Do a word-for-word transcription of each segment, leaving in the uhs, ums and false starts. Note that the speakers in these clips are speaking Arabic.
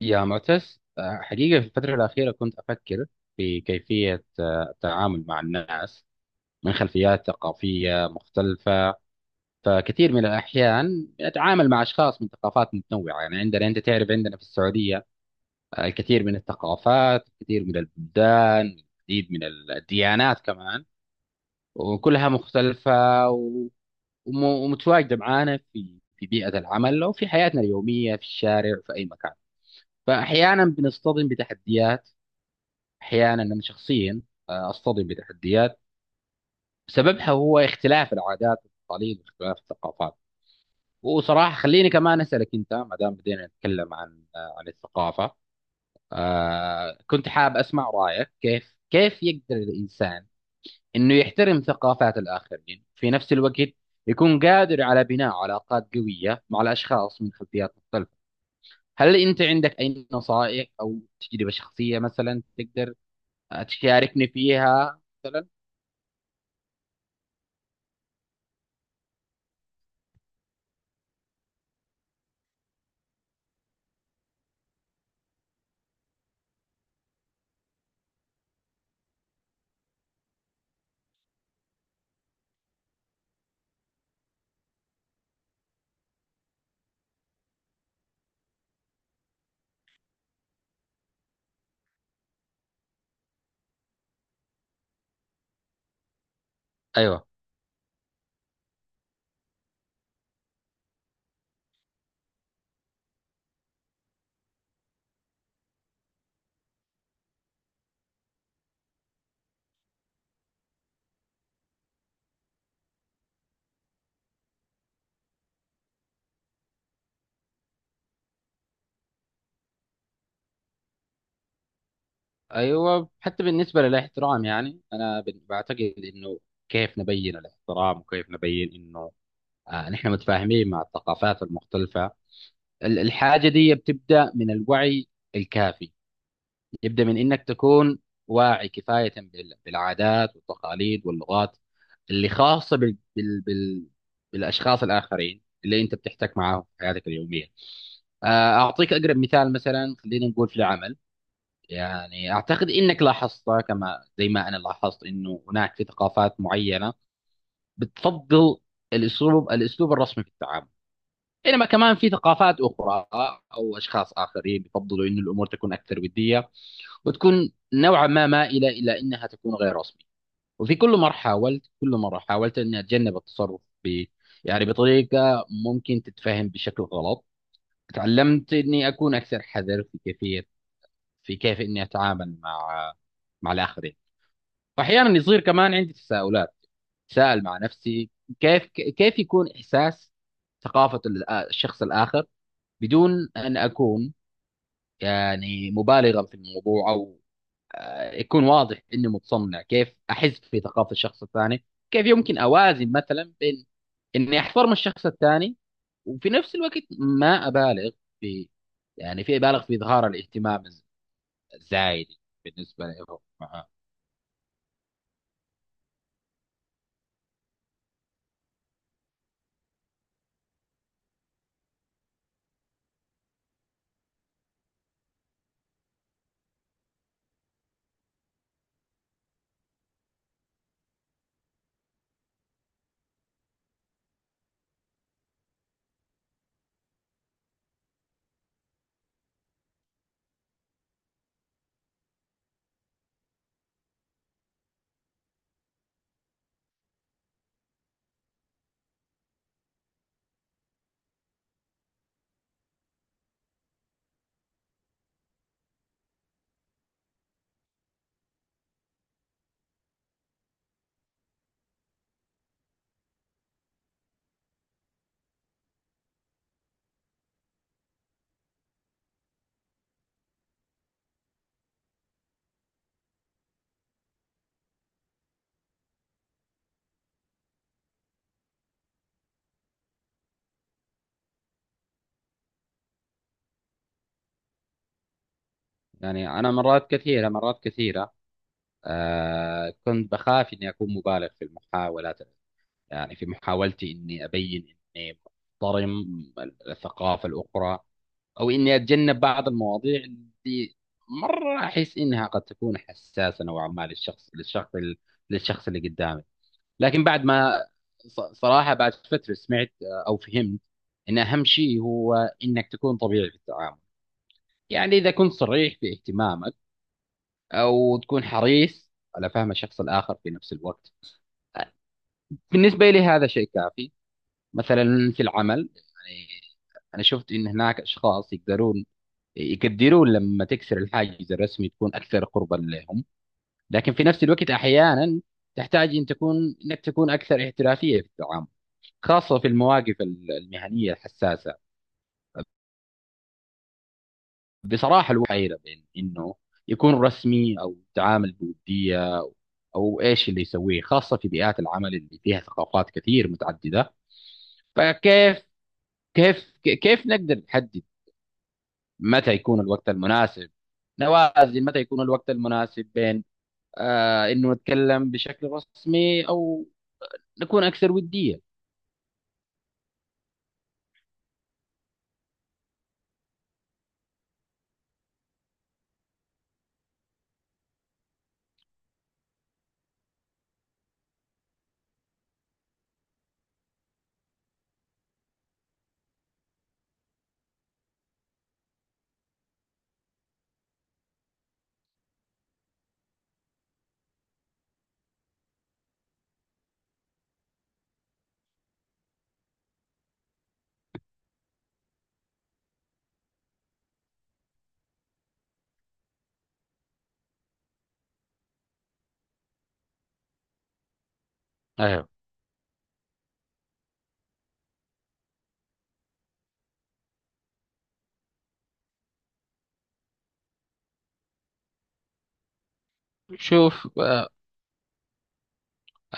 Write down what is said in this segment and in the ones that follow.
يا معتز، آه، حقيقة في الفترة الأخيرة كنت أفكر في كيفية آه، التعامل مع الناس من خلفيات ثقافية مختلفة. فكثير من الأحيان أتعامل مع أشخاص من ثقافات متنوعة، يعني عندنا، أنت تعرف، عندنا في السعودية آه، الكثير من الثقافات، الكثير من البلدان، العديد من الديانات كمان، وكلها مختلفة، و- وم- ومتواجدة معانا في في بيئة العمل أو في حياتنا اليومية، في الشارع، في أي مكان. فأحيانا بنصطدم بتحديات، احيانا انا شخصيا آه، اصطدم بتحديات سببها هو اختلاف العادات والتقاليد واختلاف الثقافات. وصراحه خليني كمان اسالك انت، ما دام بدينا نتكلم عن آه، عن الثقافه، آه، كنت حاب اسمع رايك. كيف كيف يقدر الانسان انه يحترم ثقافات الاخرين، في نفس الوقت يكون قادر على بناء علاقات قويه مع الاشخاص من خلفيات مختلفه؟ هل انت عندك اي نصائح او تجربه شخصيه مثلا تقدر آه، تشاركني فيها مثلا؟ ايوه، ايوه، حتى بالنسبه للاحترام، يعني انا بن- بعتقد انه، كيف نبين الاحترام وكيف نبين انه آه نحن متفاهمين مع الثقافات المختلفه. ال- الحاجه دي بتبدا من الوعي الكافي. يبدا من انك تكون واعي كفايه بال- بالعادات والتقاليد واللغات اللي خاصه بال بال بال بالاشخاص الاخرين اللي انت بتحتك معاهم في حياتك اليوميه. آه، اعطيك اقرب مثال، مثلا خلينا نقول في العمل، يعني أعتقد إنك لاحظت كما زي ما أنا لاحظت، إنه هناك في ثقافات معينة بتفضل الأسلوب الأسلوب الرسمي في التعامل، بينما كمان في ثقافات أخرى أو أشخاص آخرين بيفضلوا إنه الأمور تكون أكثر ودية، وتكون نوعا ما مائلة إلى إنها تكون غير رسمي. وفي كل مرة حاولت كل مرة حاولت إني أتجنب التصرف ب، يعني بطريقة ممكن تتفهم بشكل غلط. تعلمت إني أكون أكثر حذر في كيفية، في كيف إني أتعامل مع، مع الآخرين. واحيانا يصير كمان عندي تساؤلات، تساءل مع نفسي كيف، كيف يكون احساس ثقافه ال- الشخص الاخر بدون ان اكون يعني مبالغا في الموضوع، او آه، يكون واضح اني متصنع كيف احس في ثقافه الشخص الثاني. كيف يمكن اوازن مثلا بين اني احترم الشخص الثاني، وفي نفس الوقت ما ابالغ في، يعني في ابالغ في اظهار الاهتمام الز- الزايد بالنسبه له معاه؟ يعني انا مرات كثيره مرات كثيره آه كنت بخاف إني أكون مبالغ في المحاولات، يعني في محاولتي إني أبين إني محترم الثقافة الأخرى، أو إني أتجنب بعض المواضيع اللي مرة أحس إنها قد تكون حساسة نوعا ما للشخص للشخص للشخص اللي قدامي. لكن بعد ما، ص- صراحة بعد فترة سمعت آه، أو فهمت إن أهم شيء هو إنك تكون طبيعي في التعامل، يعني إذا كنت صريح في اهتمامك أو تكون حريص على فهم الشخص الآخر في نفس الوقت. بالنسبة لي هذا شيء كافي. مثلا في العمل، يعني أنا شفت إن هناك أشخاص يقدرون، يقدرون لما تكسر الحاجز الرسمي تكون أكثر قربا لهم. لكن في نفس الوقت أحيانا تحتاج إن تكون، إنك تكون أكثر احترافية في التعامل، خاصة في المواقف ال- المهنية الحساسة. بصراحة الواحد حيرة بين إنه يكون رسمي أو تعامل بودية، أو إيش اللي يسويه خاصة في بيئات العمل اللي فيها ثقافات كثير متعددة. فكيف، كيف كيف نقدر نحدد متى يكون الوقت المناسب، نوازن متى يكون الوقت المناسب بين آه انه نتكلم بشكل رسمي او نكون اكثر ودية؟ ايوه. شوف، آه،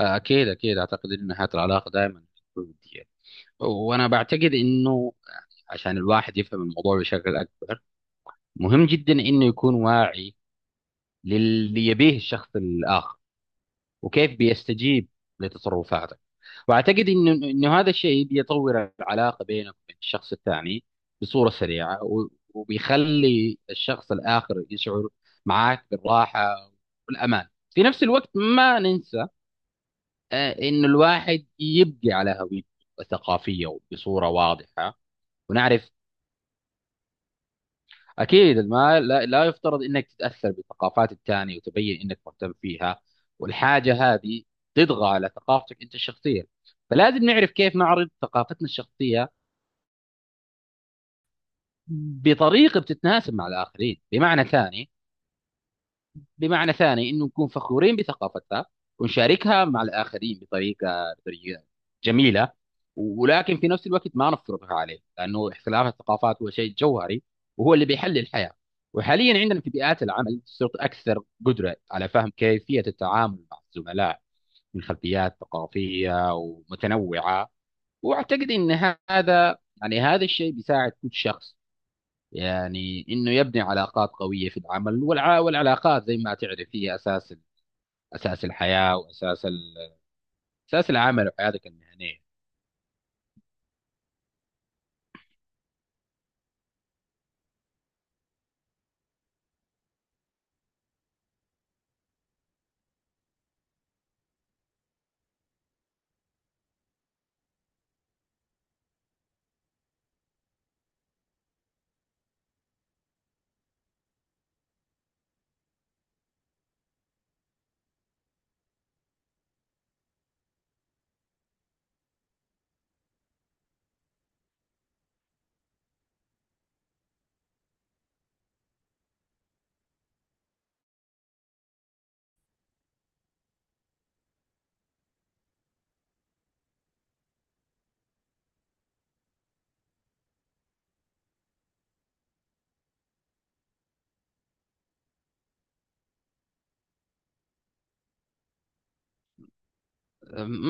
آه، اكيد اكيد اعتقد ان حياة العلاقة دائما تكون ودية. وانا بعتقد انه آه، عشان الواحد يفهم الموضوع بشكل اكبر، مهم جدا انه يكون واعي للي يبيه الشخص الاخر وكيف بيستجيب لتصرفاتك. واعتقد انه انه هذا الشيء بيطور العلاقه بينك وبين الشخص الثاني بصوره سريعه، و- وبيخلي الشخص الاخر يشعر معك بالراحه والامان. في نفس الوقت ما ننسى آه، انه الواحد يبقى على هويته الثقافيه بصوره واضحه، ونعرف أكيد ما، لا, لا يفترض أنك تتأثر بثقافات الثاني وتبين أنك مهتم فيها، والحاجة هذه تطغى على ثقافتك أنت الشخصية. فلازم نعرف كيف نعرض ثقافتنا الشخصية بطريقة بتتناسب مع الآخرين. بمعنى ثاني، بمعنى ثاني انه نكون فخورين بثقافتنا ونشاركها مع الاخرين بطريقه، بطريقه جميله، ولكن في نفس الوقت ما نفرضها عليه، لانه اختلاف الثقافات هو شيء جوهري، وهو اللي بيحل الحياه. وحاليا عندنا في بيئات العمل صرت اكثر قدره على فهم كيفيه التعامل مع الزملاء من خلفيات ثقافيه ومتنوعه. واعتقد ان هذا يعني هذا الشيء بيساعد كل شخص، يعني انه يبني علاقات قويه في العمل والع... والعلاقات زي ما تعرف هي اساس، اساس الحياه، واساس ال... اساس العمل وحياتك المهنيه.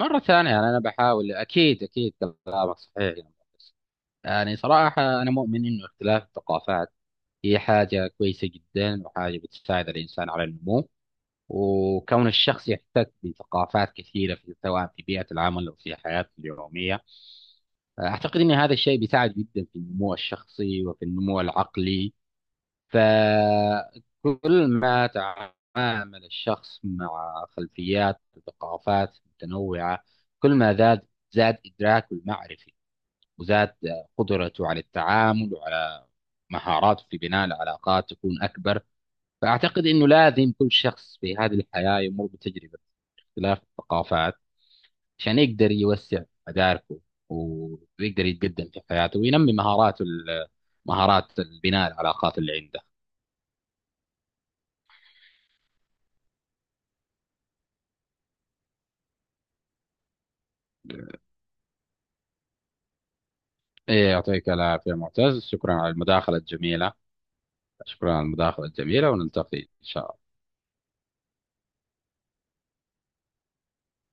مره ثانيه، يعني انا بحاول، اكيد اكيد كلامك صحيح يا مهندس. يعني صراحه انا مؤمن انه اختلاف الثقافات هي حاجه كويسه جدا، وحاجه بتساعد الانسان على النمو. وكون الشخص يحتك بثقافات كثيره، في سواء في بيئه العمل او في حياته اليوميه، اعتقد ان هذا الشيء بيساعد جدا في النمو الشخصي وفي النمو العقلي. فكل ما تعلم يتعامل الشخص مع خلفيات وثقافات متنوعة، كل ما زاد، زاد إدراكه المعرفي، وزاد آه، قدرته على التعامل، وعلى مهاراته في بناء العلاقات تكون أكبر. فأعتقد أنه لازم كل شخص في هذه الحياة يمر بتجربة اختلاف الثقافات، عشان يقدر يوسع مداركه، ويقدر يتقدم في حياته، وينمي مهاراته ال- مهارات بناء العلاقات اللي عنده. إيه، يعطيك العافية معتز، شكرا على المداخلة الجميلة. شكرا على المداخلة الجميلة ونلتقي إن شاء الله.